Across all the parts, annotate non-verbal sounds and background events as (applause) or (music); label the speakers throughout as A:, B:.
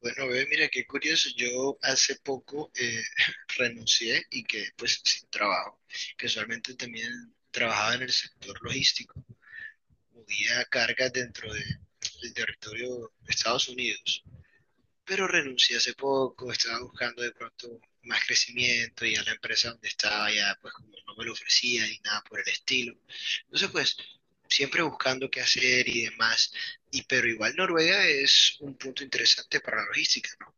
A: Bueno, bebé, mira qué curioso. Yo hace poco (laughs) renuncié y quedé pues sin trabajo. Que usualmente también trabajaba en el sector logístico. Movía cargas del territorio de Estados Unidos. Pero renuncié hace poco. Estaba buscando de pronto más crecimiento y a la empresa donde estaba ya pues como no me lo ofrecía ni nada por el estilo. Entonces pues siempre buscando qué hacer y demás. Y pero igual Noruega es un punto interesante para la logística, ¿no?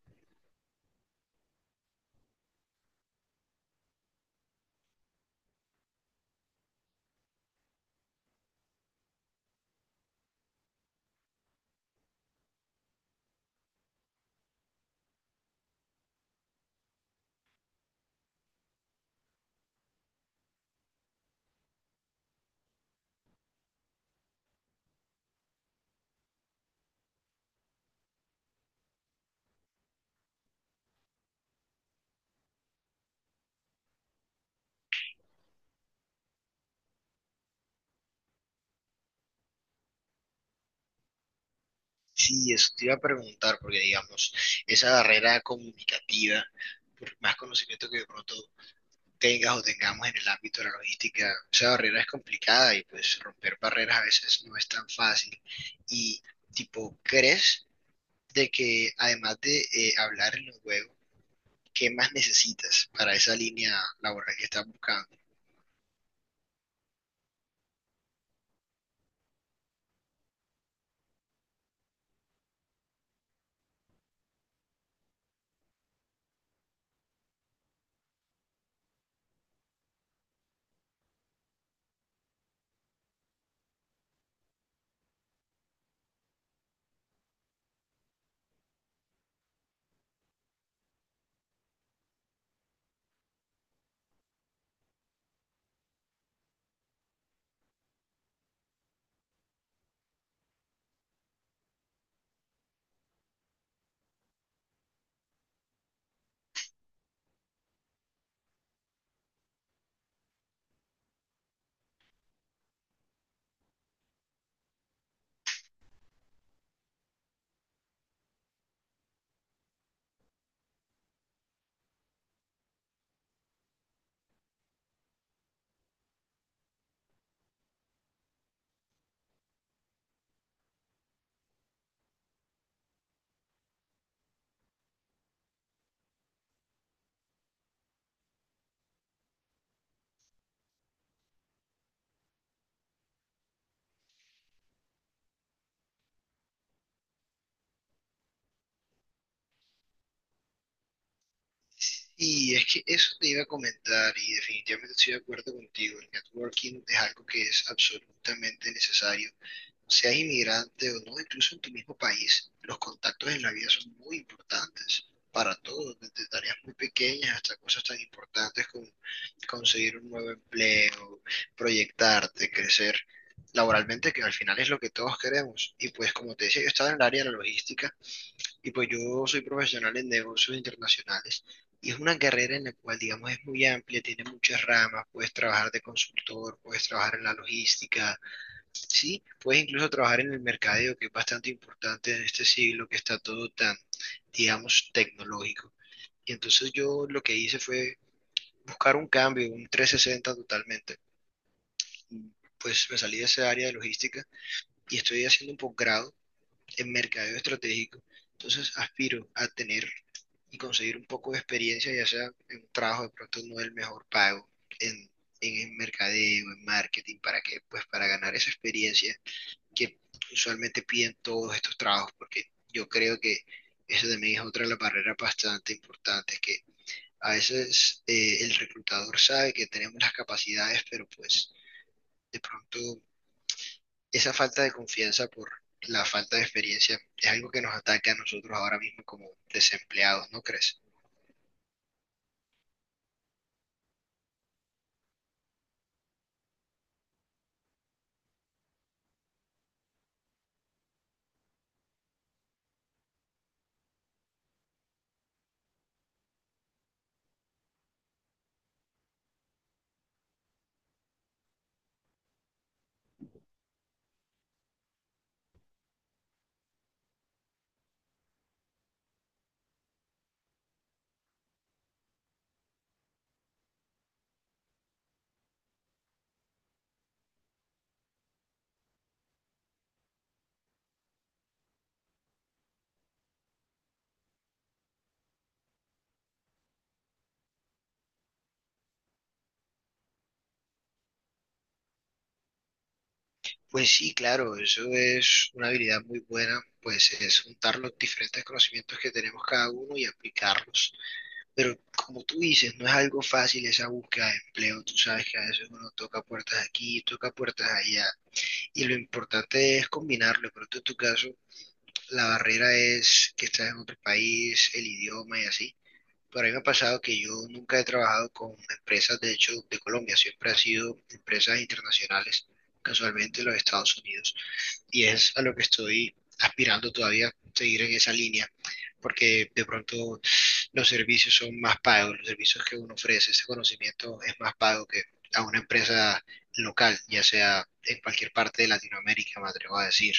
A: Sí, eso te iba a preguntar, porque digamos, esa barrera comunicativa, por más conocimiento que de pronto tengas o tengamos en el ámbito de la logística, esa barrera es complicada y pues romper barreras a veces no es tan fácil. Y tipo, ¿crees de que además de hablar en los juegos, qué más necesitas para esa línea laboral que estás buscando? Y es que eso te iba a comentar y definitivamente estoy de acuerdo contigo, el networking es algo que es absolutamente necesario seas inmigrante o no, incluso en tu mismo país, los contactos en la vida son muy importantes para todos, desde tareas muy pequeñas hasta cosas tan importantes como conseguir un nuevo empleo, proyectarte, crecer laboralmente, que al final es lo que todos queremos. Y pues como te decía, yo estaba en el área de la logística y pues yo soy profesional en negocios internacionales. Y es una carrera en la cual, digamos, es muy amplia, tiene muchas ramas, puedes trabajar de consultor, puedes trabajar en la logística. Sí, puedes incluso trabajar en el mercadeo, que es bastante importante en este siglo que está todo tan, digamos, tecnológico. Y entonces yo lo que hice fue buscar un cambio, un 360 totalmente. Pues me salí de esa área de logística y estoy haciendo un posgrado en mercadeo estratégico. Entonces aspiro a tener y conseguir un poco de experiencia, ya sea en un trabajo de pronto no el mejor pago, en, en el mercadeo, en marketing, para que, pues para ganar esa experiencia que usualmente piden todos estos trabajos, porque yo creo que eso también es otra de las barreras bastante importantes, que a veces el reclutador sabe que tenemos las capacidades, pero pues de pronto esa falta de confianza por la falta de experiencia es algo que nos ataca a nosotros ahora mismo como desempleados, ¿no crees? Pues sí, claro, eso es una habilidad muy buena, pues es juntar los diferentes conocimientos que tenemos cada uno y aplicarlos. Pero como tú dices, no es algo fácil esa búsqueda de empleo. Tú sabes que a veces uno toca puertas aquí, toca puertas allá. Y lo importante es combinarlo. Pero tú, en tu caso, la barrera es que estás en otro país, el idioma y así. Pero a mí me ha pasado que yo nunca he trabajado con empresas, de hecho, de Colombia. Siempre ha sido empresas internacionales, casualmente los Estados Unidos. Y es a lo que estoy aspirando todavía, seguir en esa línea porque de pronto los servicios son más pagos, los servicios que uno ofrece, ese conocimiento es más pago que a una empresa local, ya sea en cualquier parte de Latinoamérica, me atrevo a decir.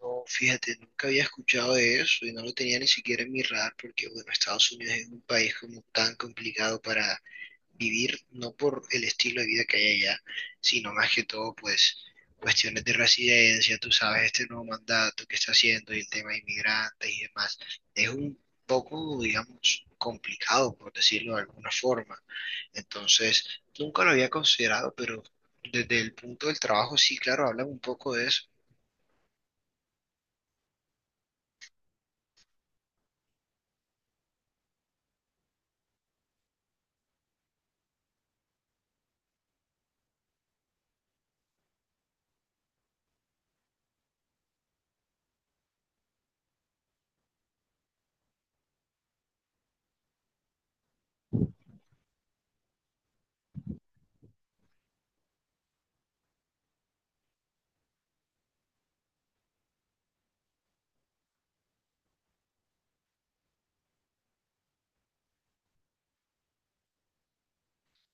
A: No, fíjate, nunca había escuchado de eso y no lo tenía ni siquiera en mi radar porque, bueno, Estados Unidos es un país como tan complicado para vivir, no por el estilo de vida que hay allá, sino más que todo, pues, cuestiones de residencia, tú sabes, este nuevo mandato que está haciendo y el tema de inmigrantes y demás. Es un poco, digamos, complicado, por decirlo de alguna forma. Entonces, nunca lo había considerado, pero desde el punto del trabajo, sí, claro, hablan un poco de eso.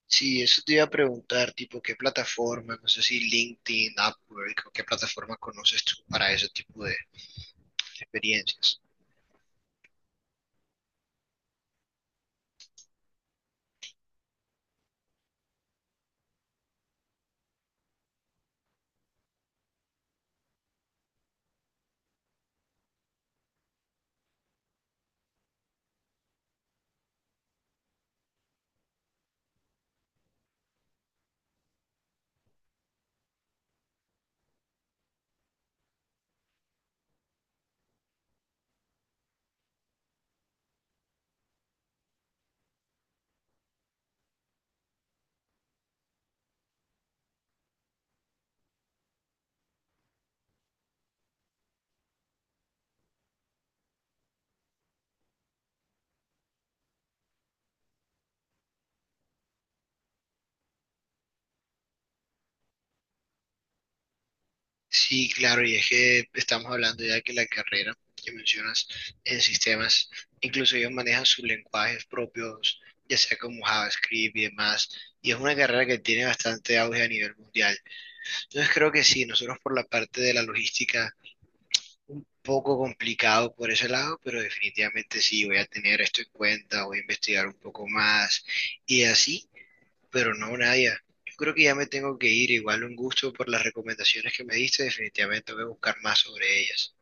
A: Sí, eso te iba a preguntar, tipo, ¿qué plataforma? No sé si LinkedIn, Upwork, o qué plataforma conoces tú para ese tipo de experiencias. Sí, claro, y es que estamos hablando ya que la carrera que mencionas en sistemas, incluso ellos manejan sus lenguajes propios, ya sea como JavaScript y demás, y es una carrera que tiene bastante auge a nivel mundial. Entonces creo que sí, nosotros por la parte de la logística un poco complicado por ese lado, pero definitivamente sí, voy a tener esto en cuenta, voy a investigar un poco más y así, pero no, Nadia. Yo creo que ya me tengo que ir, igual un gusto por las recomendaciones que me diste, definitivamente voy a buscar más sobre ellas.